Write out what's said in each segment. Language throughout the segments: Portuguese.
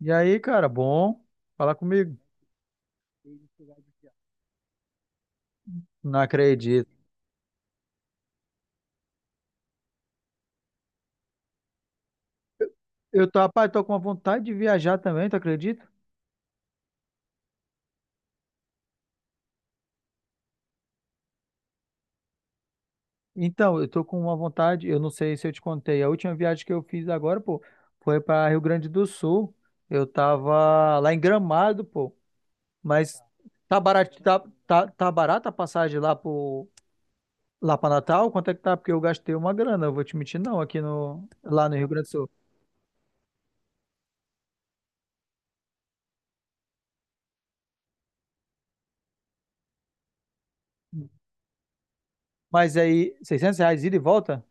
E aí, cara, bom falar comigo. Não acredito. Eu tô, rapaz, tô com uma vontade de viajar também, tu acredita? Então, eu tô com uma vontade, eu não sei se eu te contei, a última viagem que eu fiz agora, pô, foi para Rio Grande do Sul. Eu tava lá em Gramado, pô, mas tá barato, tá barata a passagem lá lá para Natal? Quanto é que tá? Porque eu gastei uma grana, eu vou te mentir, não, aqui no, lá no Rio Grande do Sul. Mas aí, R$ 600 ida e volta?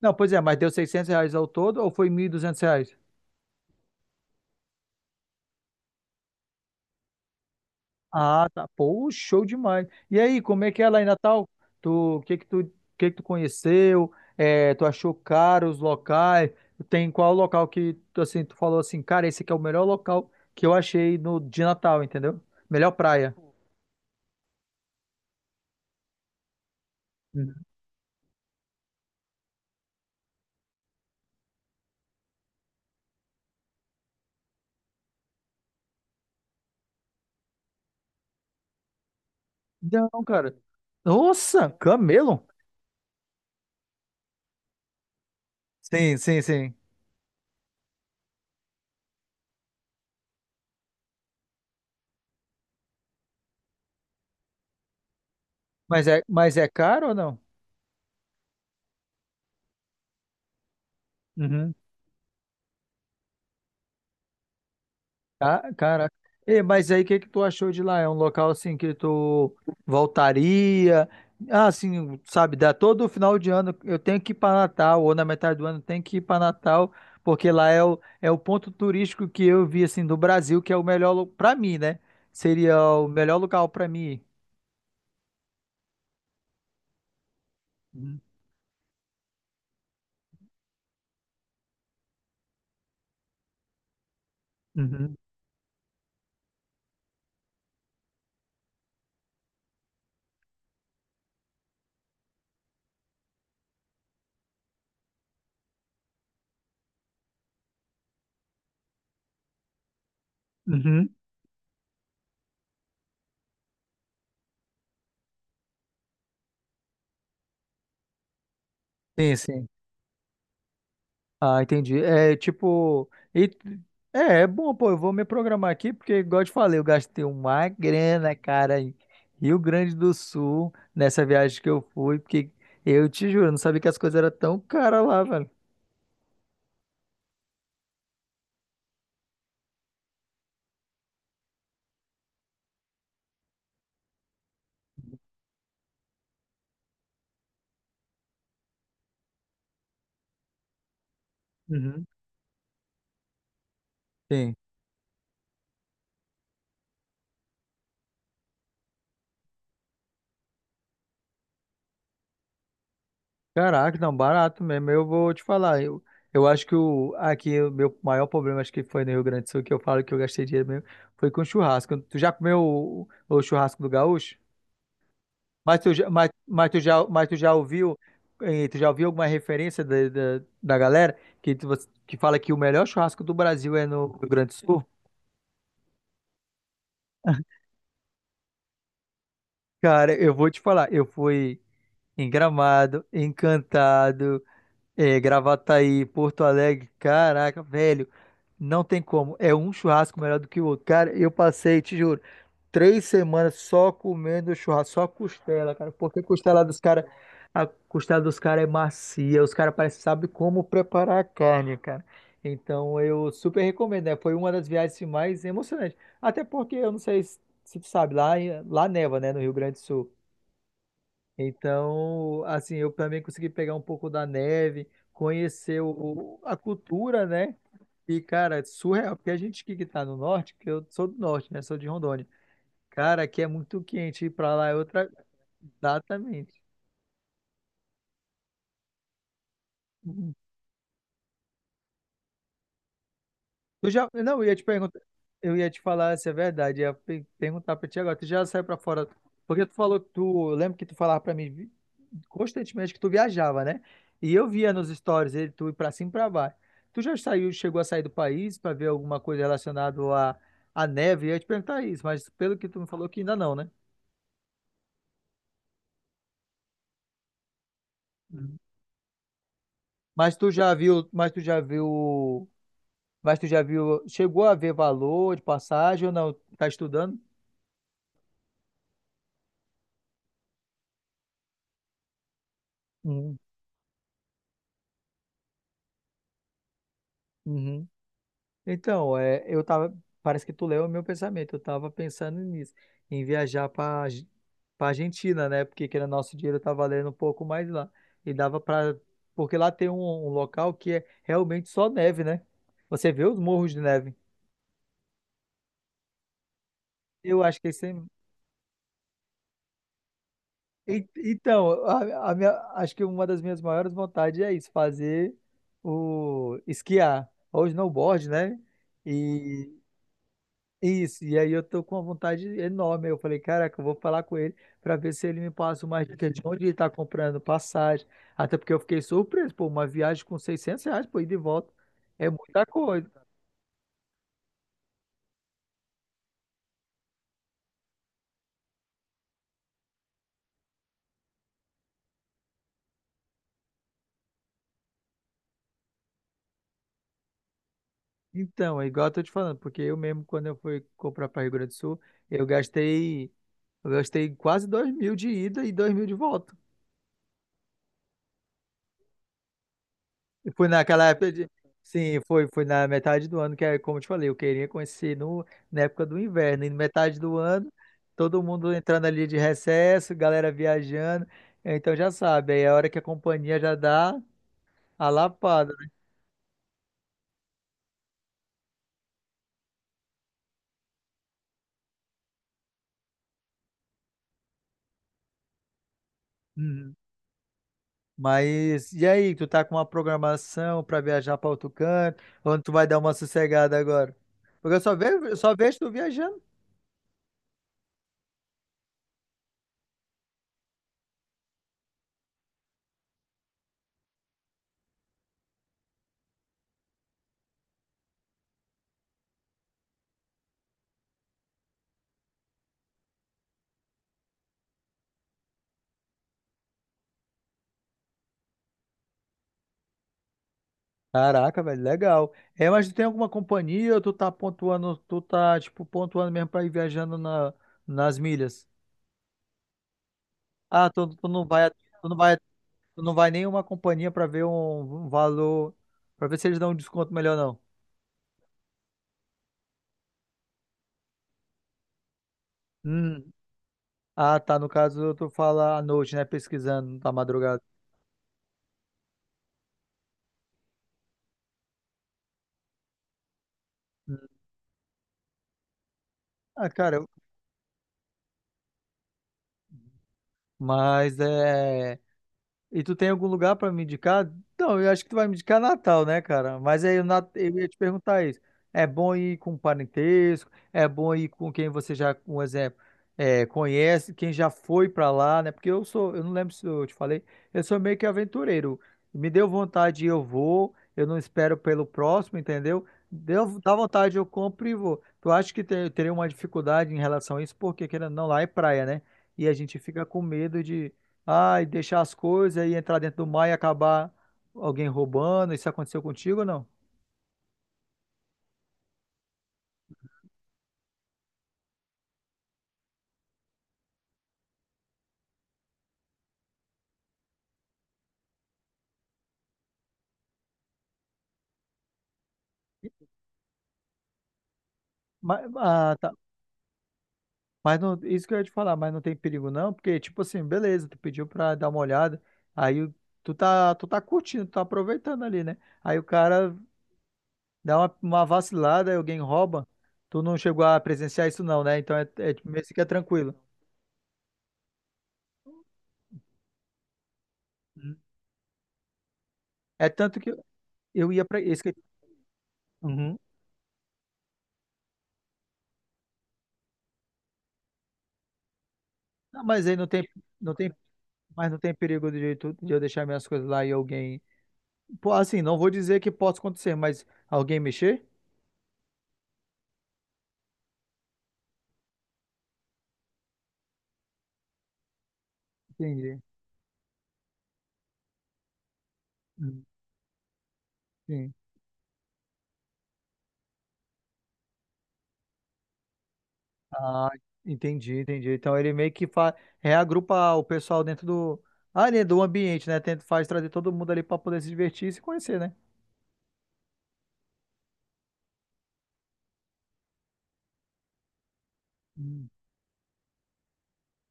Não, pois é, mas deu R$ 600 ao todo ou foi R$ 1.200? Ah, tá. Pô, show demais. E aí, como é que é lá em Natal? Tu, o que que tu, o que que tu conheceu? É, tu achou caro os locais? Tem qual local que tu, assim, tu falou assim, cara, esse aqui é o melhor local que eu achei no de Natal, entendeu? Melhor praia. Uhum. Não, cara. Nossa, camelo? Sim, sim, sim. Mas é caro ou não? Uhum. Caraca. E, mas aí, o que que tu achou de lá? É um local assim que tu voltaria? Ah, assim, sabe, dá todo final de ano eu tenho que ir para Natal, ou na metade do ano eu tenho que ir para Natal, porque lá é o ponto turístico que eu vi assim do Brasil, que é o melhor para mim, né? Seria o melhor lugar para mim. Uhum. Uhum. Uhum. Sim, sim. Ah, entendi. É tipo. e- é bom, pô. Eu vou me programar aqui, porque, igual eu te falei, eu gastei uma grana, cara, em Rio Grande do Sul, nessa viagem que eu fui, porque eu te juro, eu não sabia que as coisas eram tão caras lá, velho. Uhum. Sim. Caraca, não, barato mesmo. Eu vou te falar. Eu acho aqui o meu maior problema, acho que foi no Rio Grande do Sul, que eu falo que eu gastei dinheiro mesmo, foi com churrasco. Tu já comeu o churrasco do Gaúcho? Mas tu já ouviu alguma referência da galera que fala que o melhor churrasco do Brasil é no Rio Grande do Sul? Cara, eu vou te falar, eu fui em Gramado, Encantado, Gravataí, Porto Alegre, caraca, velho, não tem como, é um churrasco melhor do que o outro. Cara, eu passei, te juro, 3 semanas só comendo churrasco, só costela, cara. Porque costela dos caras, a costela dos caras é macia, os caras parecem sabe como preparar a carne, cara. Então eu super recomendo, né? Foi uma das viagens mais emocionantes. Até porque eu não sei se tu sabe, lá, lá neva, né, no Rio Grande do Sul. Então, assim, eu também consegui pegar um pouco da neve, conhecer a cultura, né? E, cara, é surreal, porque a gente que tá no norte, que eu sou do norte, né? Sou de Rondônia. Cara, aqui é muito quente, ir pra lá é outra. Exatamente. Uhum. Tu já. Não, eu ia te perguntar. Eu ia te falar se é verdade. Ia perguntar pra ti agora. Tu já saiu pra fora. Porque tu falou que tu. Lembra que tu falava pra mim constantemente que tu viajava, né? E eu via nos stories ele, tu ir pra cima e pra baixo. Tu já saiu, chegou a sair do país pra ver alguma coisa relacionada à neve? Eu ia te perguntar isso, mas pelo que tu me falou que ainda não, né? Uhum. Mas tu já viu. Mas tu já viu. Mas tu já viu, chegou a ver valor de passagem ou não? Tá estudando? Uhum, uhum. Então, é, parece que tu leu o meu pensamento. Eu tava pensando nisso, em viajar para Argentina, né? Porque que era nosso dinheiro tá valendo um pouco mais lá. E dava para, porque lá tem um local que é realmente só neve, né? Você vê os morros de neve. Eu acho que esse, é, então, a, minha, acho que uma das minhas maiores vontades é isso, fazer o esquiar, ou snowboard, né? E isso, e aí eu tô com uma vontade enorme. Eu falei, caraca, eu vou falar com ele para ver se ele me passa uma dica de onde ele tá comprando passagem. Até porque eu fiquei surpreso, pô, uma viagem com R$ 600, pô, ida e volta, é muita coisa. Então, é igual eu tô te falando, porque eu mesmo, quando eu fui comprar para Rio Grande do Sul, eu gastei, eu gastei quase 2 mil de ida e 2 mil de volta. Foi naquela época de. Sim, foi na metade do ano, que é como eu te falei, eu queria conhecer no, na época do inverno. E na metade do ano, todo mundo entrando ali de recesso, galera viajando. Então já sabe, aí é a hora que a companhia já dá a lapada, né? Uhum. Mas e aí, tu tá com uma programação pra viajar pra outro canto? Onde tu vai dar uma sossegada agora? Porque eu só vejo tu viajando. Caraca, velho, legal. É, mas tu tem alguma companhia ou tu tá pontuando, tu tá, tipo, pontuando mesmo pra ir viajando nas milhas? Ah, tu não vai nenhuma companhia pra ver um valor, pra ver se eles dão um desconto melhor, não. Hum. Ah, tá, no caso tu fala à noite, né, pesquisando, tá madrugada. Hum. Ah, cara, mas é. E tu tem algum lugar pra me indicar? Não, eu acho que tu vai me indicar Natal, né, cara? Mas aí eu ia te perguntar isso. É bom ir com parentesco? É bom ir com quem você já, um exemplo, é, conhece, quem já foi pra lá, né? Porque eu sou, eu não lembro se eu te falei, eu sou meio que aventureiro. Me deu vontade, eu vou. Eu não espero pelo próximo, entendeu? Dá vontade, eu compro e vou. Tu acha que teria uma dificuldade em relação a isso? Porque querendo ou não, lá é praia, né? E a gente fica com medo de e deixar as coisas e entrar dentro do mar e acabar alguém roubando? Isso aconteceu contigo ou não? Mas, ah, tá. Mas não, isso que eu ia te falar, mas não tem perigo não, porque tipo assim, beleza, tu pediu pra dar uma olhada, aí o- tu tá, curtindo, tu tá aproveitando ali, né? Aí o cara dá uma vacilada, aí alguém rouba, tu não chegou a presenciar isso não, né? Então é mesmo que é tranquilo. Uhum. É tanto que eu ia pra isso que. Uhum. Não, mas aí não tem, mas não tem perigo de eu deixar minhas coisas lá e alguém. Pô, assim, não vou dizer que possa acontecer, mas alguém mexer? Entendi. Hum, Sim. Ah, entendi, entendi. Então ele meio que reagrupa o pessoal dentro do ali do ambiente, né? Tenta faz trazer todo mundo ali para poder se divertir e se conhecer, né? Hum.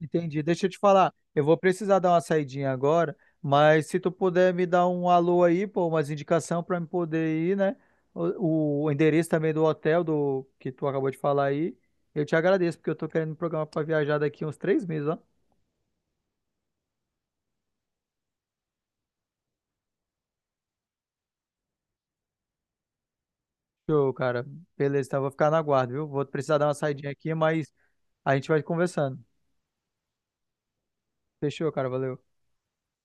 Entendi. Deixa eu te falar, eu vou precisar dar uma saidinha agora, mas se tu puder me dar um alô aí, pô, umas indicação para me poder ir, né? O endereço também do hotel do que tu acabou de falar aí, eu te agradeço porque eu tô querendo me programar para viajar daqui uns 3 meses, ó. Show, cara. Beleza, então eu vou ficar na guarda, viu? Vou precisar dar uma saidinha aqui, mas a gente vai conversando. Fechou, cara. Valeu.